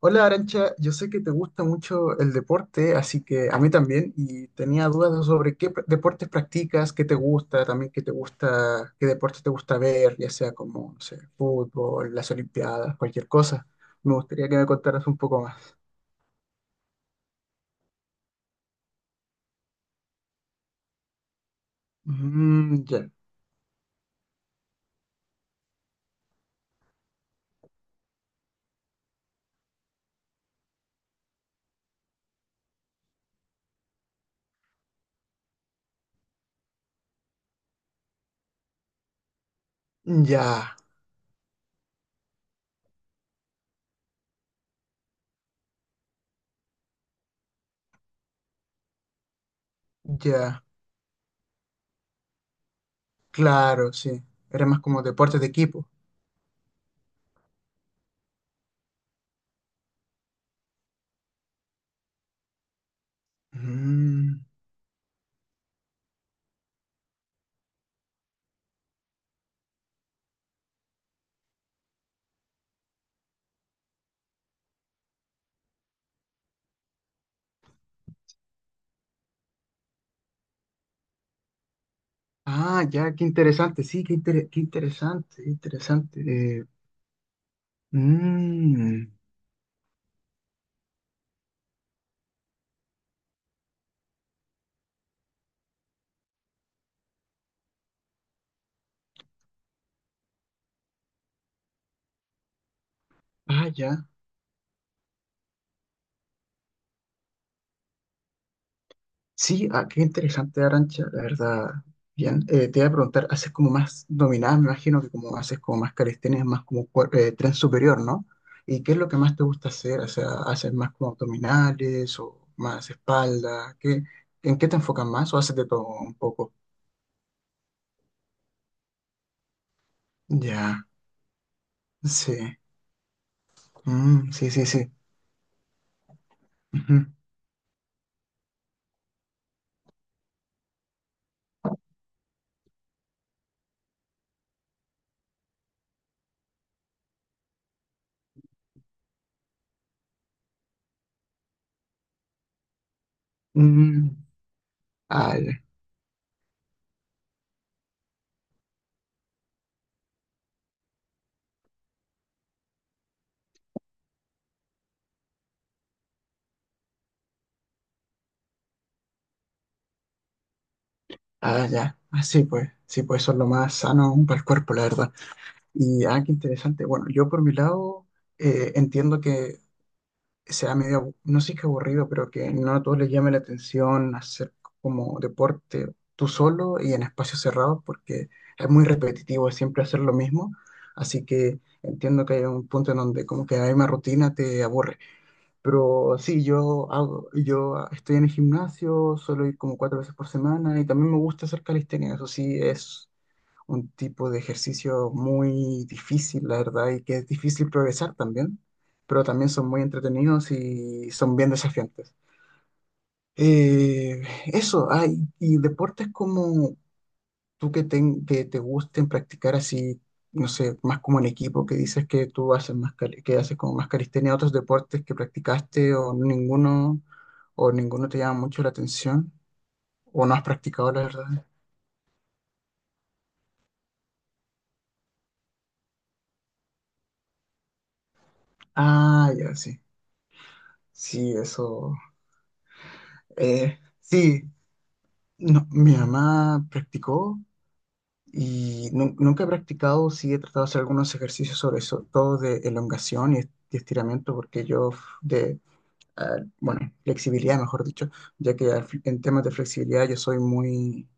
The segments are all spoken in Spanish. Hola Arancha, yo sé que te gusta mucho el deporte, así que a mí también, y tenía dudas sobre deportes practicas, qué te gusta, también qué te gusta, qué deportes te gusta ver, ya sea como, no sé, fútbol, las olimpiadas, cualquier cosa. Me gustaría que me contaras un poco más. Mm, ya, ya, ya, claro, sí. Era más como deportes de equipo. Mm, Ah, ya, qué interesante, sí, qué interesante, qué interesante. Eh, mm, Ah, ya. Sí, ah, qué interesante, Arancha, la verdad. Bien, te voy a preguntar, haces como más dominada, me imagino que como haces como más calistenia, más como tren superior, ¿no? ¿Y qué es lo que más te gusta hacer? O sea, ¿haces más como abdominales o más espalda? ¿Qué, en qué te enfocas más o haces de todo un poco? Ya, sí, Mm, sí, sí, sí. Ujú. Mm, ah, ya. Ah, ya. Así pues, sí, pues eso es lo más sano aún para el cuerpo, la verdad. Y, ah, qué interesante. Bueno, yo por mi lado entiendo que sea medio, no sé qué aburrido, pero que no a todos les llame la atención hacer como deporte tú solo y en espacios cerrados, porque es muy repetitivo, es siempre hacer lo mismo. Así que entiendo que hay un punto en donde como que hay una rutina te aburre. Pero sí, yo estoy en el gimnasio, suelo ir como cuatro veces por semana y también me gusta hacer calistenia. Eso sí, es un tipo de ejercicio muy difícil, la verdad, y que es difícil progresar también, pero también son muy entretenidos y son bien desafiantes. Y deportes como tú que que te gusten practicar así, no sé, más como en equipo, que dices que tú haces más, que haces como más calistenia, otros deportes que practicaste o ninguno te llama mucho la atención, o no has practicado, la verdad. Ah, ya, sí. Sí, eso. eh, sí, No, mi mamá practicó y nunca he practicado, sí he tratado de hacer algunos ejercicios sobre eso, todo de elongación y, y estiramiento, porque yo f- de, ah, bueno, flexibilidad, mejor dicho, ya que en temas de flexibilidad yo soy muy,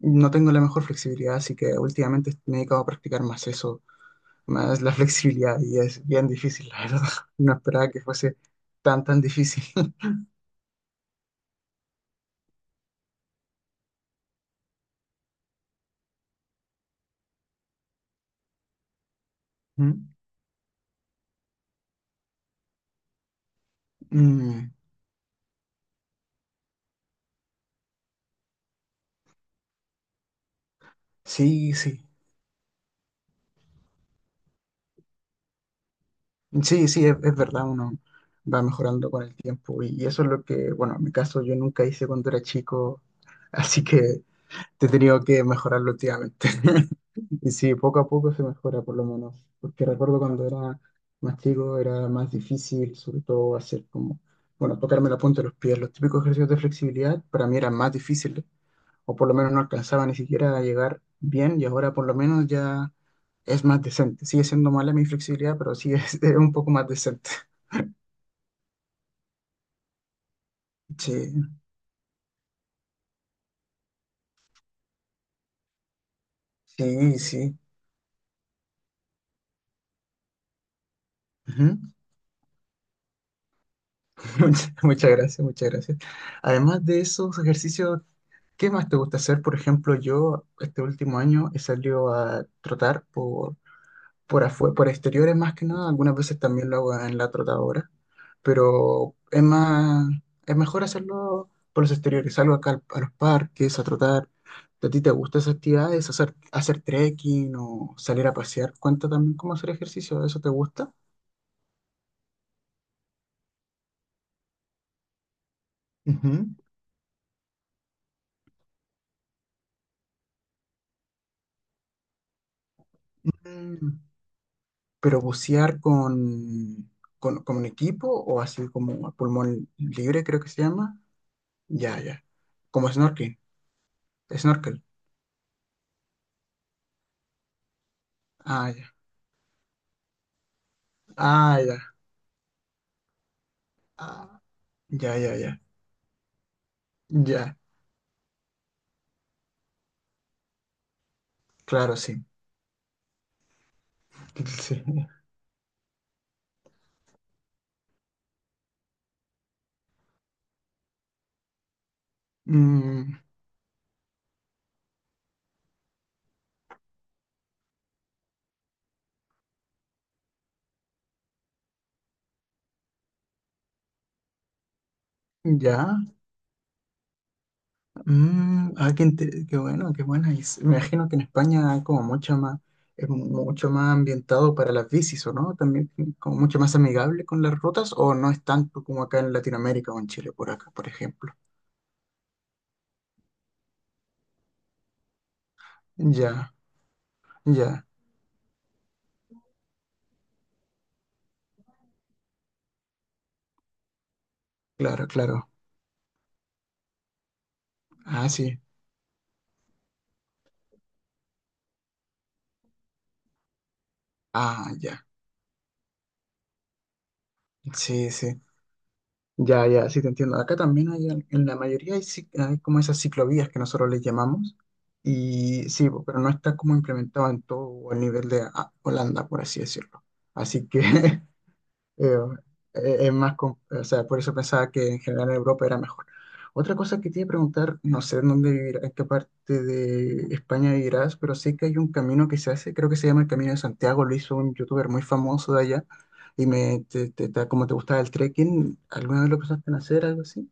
no tengo la mejor flexibilidad, así que últimamente me he dedicado a practicar más eso, más la flexibilidad y es bien difícil, la verdad. No esperaba que fuese tan, tan difícil. Mm, sí, sí. Sí, sí, es verdad, uno va mejorando con el tiempo y eso es lo que, bueno, en mi caso yo nunca hice cuando era chico, así que he tenido que mejorarlo últimamente. Y sí, poco a poco se mejora por lo menos, porque recuerdo cuando era más chico era más difícil, sobre todo hacer como, bueno, tocarme la punta de los pies, los típicos ejercicios de flexibilidad para mí eran más difíciles o por lo menos no alcanzaba ni siquiera a llegar bien y ahora por lo menos ya es más decente. Sigue siendo mala mi flexibilidad, pero sí es, es un poco más decente. Sí, sí, sí. Ujú. Muchas gracias, muchas gracias. Además de esos ejercicios, ¿qué más te gusta hacer? Por ejemplo, yo este último año he salido a trotar por afuera, por exteriores más que nada, algunas veces también lo hago en la trotadora, pero es mejor hacerlo por los exteriores, salgo acá a los parques a trotar. ¿A ti te gustan esas actividades? ¿Hacer, hacer trekking o salir a pasear? ¿Cuenta también cómo hacer ejercicio? ¿Eso te gusta? Ujú. Mm, ¿Pero bucear con un equipo o así como a pulmón libre, creo que se llama? Ya, ya. Como snorkeling. Snorkel. Ah, ya. Ah, ya. Ah. Ya, ya, ya. Ya, claro, sí. Sí. Mm, ya. Mm, ah, qué, qué bueno, qué buena. Y me imagino que en España hay como mucha más, es mucho más ambientado para las bicis, ¿o no? También como mucho más amigable con las rutas, o no es tanto como acá en Latinoamérica o en Chile, por acá, por ejemplo. Ya, ya, claro, claro. Ah, sí. Ah, ya. Sí, sí. Ya, ya, sí te entiendo. Acá también hay, en la mayoría hay, hay como esas ciclovías que nosotros les llamamos. Y sí, po, pero no está como implementado en todo el nivel de ah, Holanda, por así decirlo. Así que eh, es más, o sea, por eso pensaba que en general en Europa era mejor. Otra cosa que te iba a preguntar, no sé en en qué parte de España vivirás, pero sí que hay un camino que se hace, creo que se llama el Camino de Santiago, lo hizo un youtuber muy famoso de allá, y me, te- te- te- como te gustaba el trekking, ¿alguna vez lo pensaste en hacer, algo así?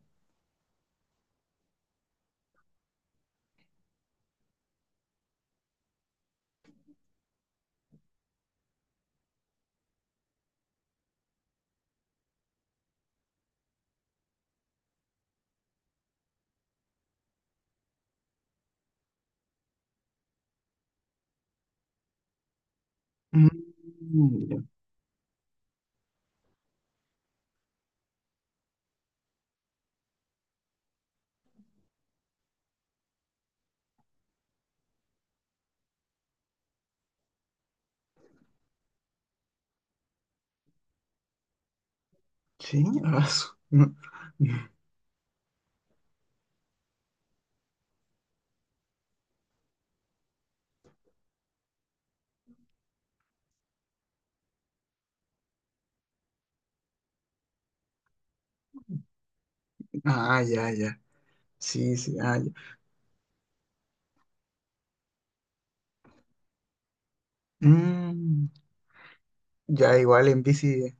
Mm, ya. Sí, ah, no. Ah, ya, ya, sí, sí, ah, ya. Mm, ya, igual en bici,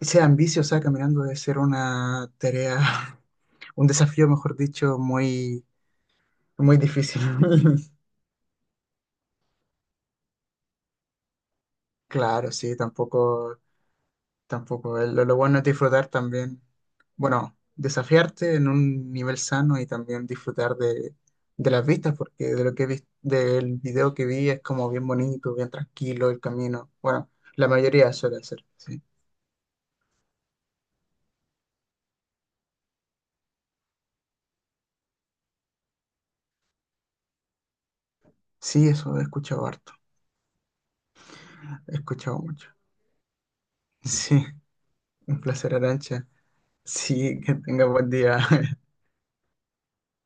ese caminando debe ser una tarea, un desafío, mejor dicho, muy, muy difícil. Claro, sí, tampoco, tampoco. Lo bueno es disfrutar también, bueno, desafiarte en un nivel sano y también disfrutar de las vistas, porque de lo que vi, del video que vi es como bien bonito, bien tranquilo el camino. Bueno, la mayoría suele ser, sí. Sí, eso he escuchado harto, he escuchado mucho. Sí, un placer, Arancha. Sí, que tenga buen día.